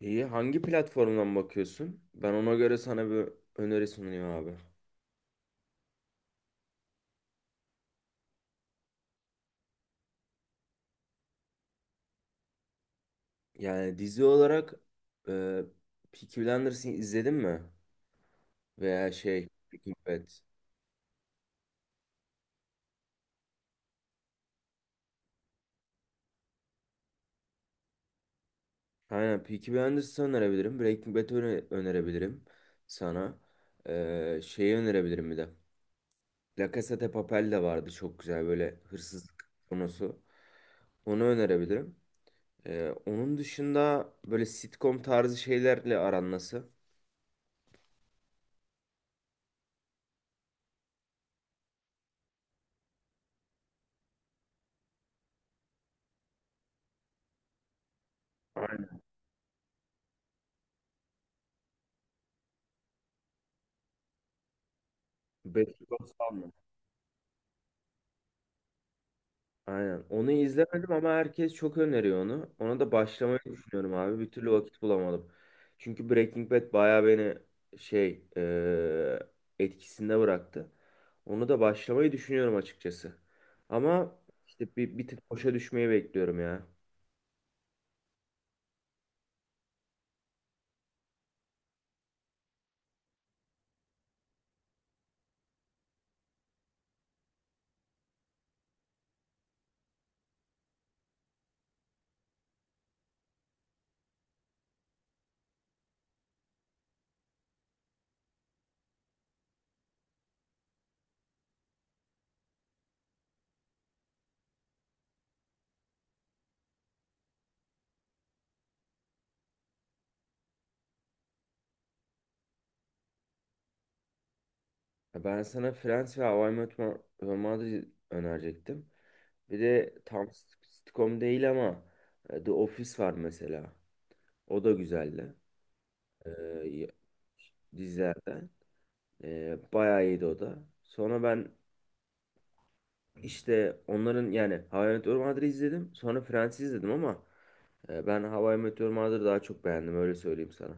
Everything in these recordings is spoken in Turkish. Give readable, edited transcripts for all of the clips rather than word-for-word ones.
İyi. Hangi platformdan bakıyorsun? Ben ona göre sana bir öneri sunuyorum abi. Yani dizi olarak e, Peaky Blinders'ı izledin mi? Veya şey Breaking Bad. Aynen Peaky Blinders'ı önerebilirim. Breaking Bad'ı önerebilirim sana. Şeyi önerebilirim bir de. La Casa de Papel de vardı, çok güzel böyle hırsızlık konusu. Onu önerebilirim. Onun dışında böyle sitcom tarzı şeylerle aran nasıl? Aynen. Better Call Saul mu? Aynen. Onu izlemedim ama herkes çok öneriyor onu. Ona da başlamayı düşünüyorum abi. Bir türlü vakit bulamadım. Çünkü Breaking Bad bayağı beni şey eee, etkisinde bıraktı. Onu da başlamayı düşünüyorum açıkçası. Ama işte bir tık boşa düşmeyi bekliyorum ya. Ya ben sana Friends ve How I Met Your Mother'ı önerecektim. Bir de tam sitcom değil ama The Office var mesela. O da güzeldi. Eee dizilerden. Bayağı iyiydi o da. Sonra ben işte onların, yani How I Met Your Mother'ı izledim. Sonra Friends'i izledim ama ben How I Met Your Mother'ı daha çok beğendim, öyle söyleyeyim sana.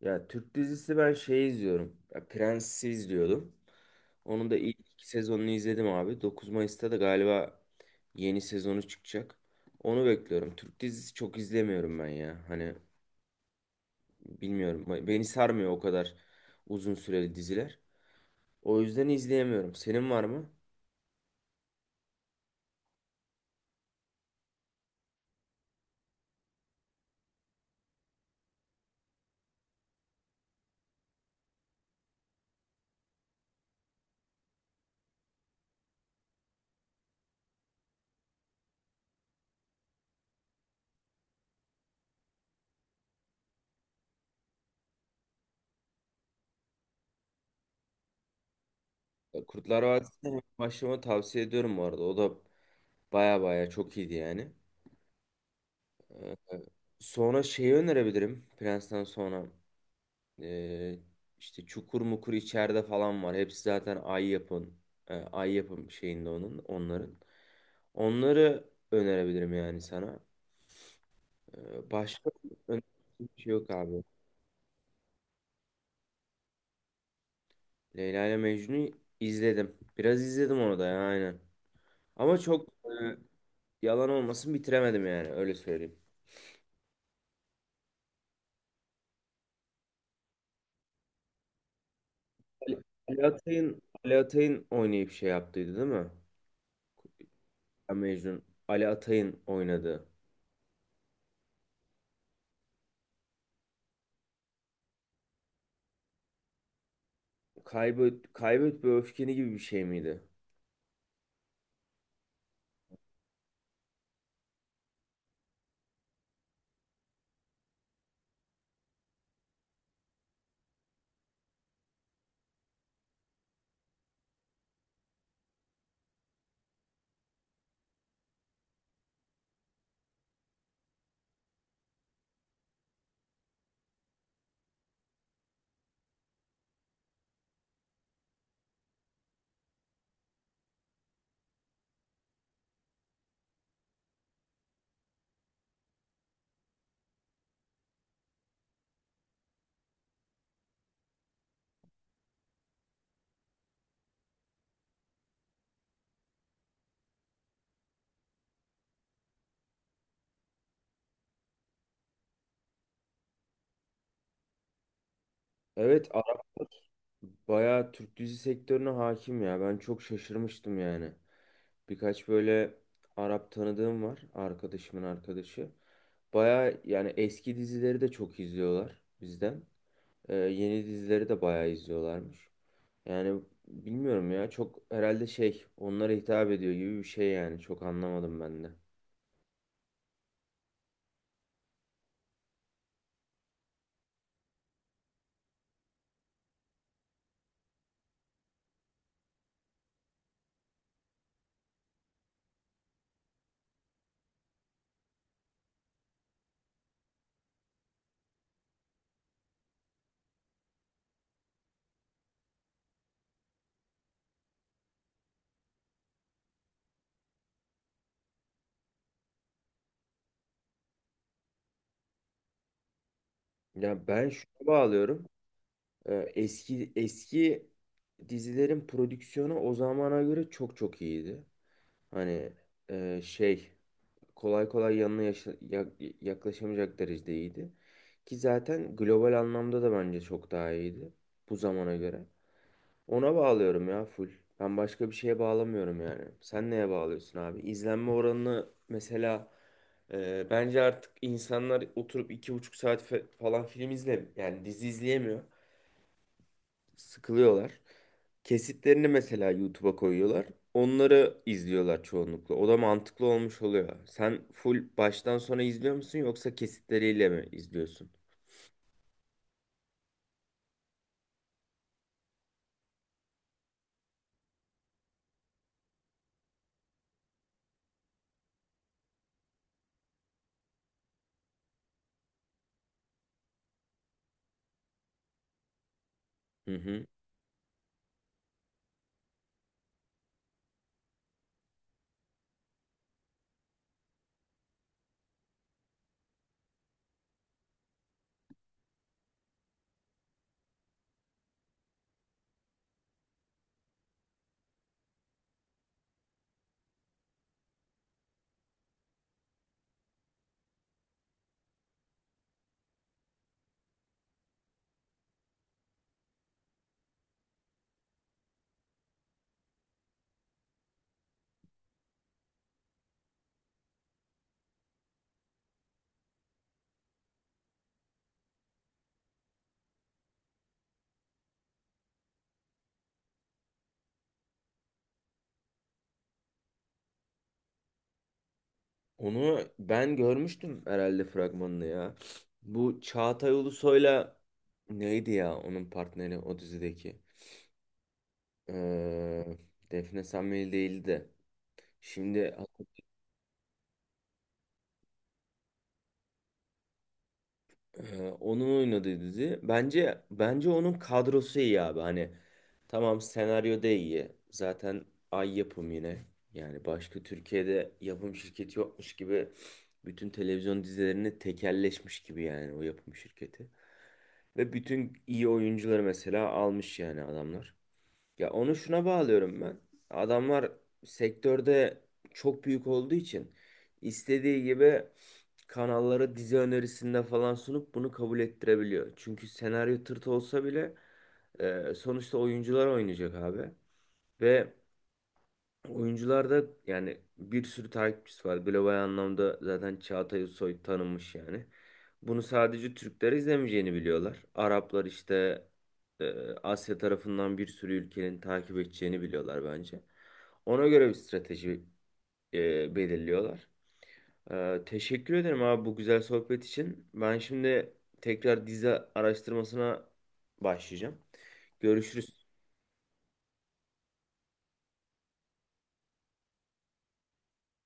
Ya Türk dizisi ben şey izliyorum. Ya Prens'i izliyordum. Onun da ilk iki sezonunu izledim abi. 9 Mayıs'ta da galiba yeni sezonu çıkacak. Onu bekliyorum. Türk dizisi çok izlemiyorum ben ya. Hani bilmiyorum. Beni sarmıyor o kadar uzun süreli diziler. O yüzden izleyemiyorum. Senin var mı? Kurtlar Vadisi'ne ilk başlamanı tavsiye ediyorum bu arada. O da baya baya çok iyiydi yani. Ee, Sonra şeyi önerebilirim. Prens'ten sonra ee, işte Çukur Mukur içeride falan var. Hepsi zaten Ay yapın. Ay yapım şeyinde onların. Onları önerebilirim yani sana. Başka önerebileceğim bir şey yok abi. Leyla ile Mecnun'u izledim. Biraz izledim onu da ya, aynen. Ama çok yalan olmasın bitiremedim yani, öyle söyleyeyim. Ali Ali Atay'ın oynayıp şey yaptıydı değil mi? Ya Mecnun. Ali Atay'ın oynadı. Kaybet, kaybet ve öfkeni gibi bir şey miydi? Evet, Araplar bayağı Türk dizi sektörüne hakim ya. Ben çok şaşırmıştım yani. Birkaç böyle Arap tanıdığım var. Arkadaşımın arkadaşı. Bayağı yani eski dizileri de çok izliyorlar bizden. Yeni dizileri de bayağı izliyorlarmış. Yani bilmiyorum ya, çok herhalde şey onlara hitap ediyor gibi bir şey, yani çok anlamadım ben de. Ya ben şuna bağlıyorum. Eski dizilerin prodüksiyonu o zamana göre çok çok iyiydi. Hani şey kolay kolay yanına yaklaşamayacak derecede iyiydi. Ki zaten global anlamda da bence çok daha iyiydi bu zamana göre. Ona bağlıyorum ya full. Ben başka bir şeye bağlamıyorum yani. Sen neye bağlıyorsun abi? İzlenme oranını mesela, bence artık insanlar oturup 2,5 saat falan film izle, yani dizi izleyemiyor. Sıkılıyorlar. Kesitlerini mesela YouTube'a koyuyorlar. Onları izliyorlar çoğunlukla. O da mantıklı olmuş oluyor. Sen full baştan sona izliyor musun, yoksa kesitleriyle mi izliyorsun? Hı hı. Onu ben görmüştüm herhalde fragmanını ya. Bu Çağatay Ulusoy'la neydi ya onun partneri o dizideki? Ee, Defne Samveli değildi de. Şimdi onun oynadığı dizi. Bence onun kadrosu iyi abi. Hani tamam, senaryo da iyi. Zaten Ay yapım yine. Yani başka Türkiye'de yapım şirketi yokmuş gibi, bütün televizyon dizilerini tekelleşmiş gibi yani o yapım şirketi. Ve bütün iyi oyuncuları mesela almış yani adamlar. Ya onu şuna bağlıyorum ben. Adamlar sektörde çok büyük olduğu için istediği gibi kanallara dizi önerisinde falan sunup bunu kabul ettirebiliyor. Çünkü senaryo tırtı olsa bile sonuçta oyuncular oynayacak abi. Ve oyuncularda yani bir sürü takipçisi var. Global anlamda zaten Çağatay Ulusoy tanınmış yani. Bunu sadece Türkler izlemeyeceğini biliyorlar. Araplar işte Asya tarafından bir sürü ülkenin takip edeceğini biliyorlar bence. Ona göre bir strateji belirliyorlar. Teşekkür ederim abi bu güzel sohbet için. Ben şimdi tekrar dizi araştırmasına başlayacağım. Görüşürüz.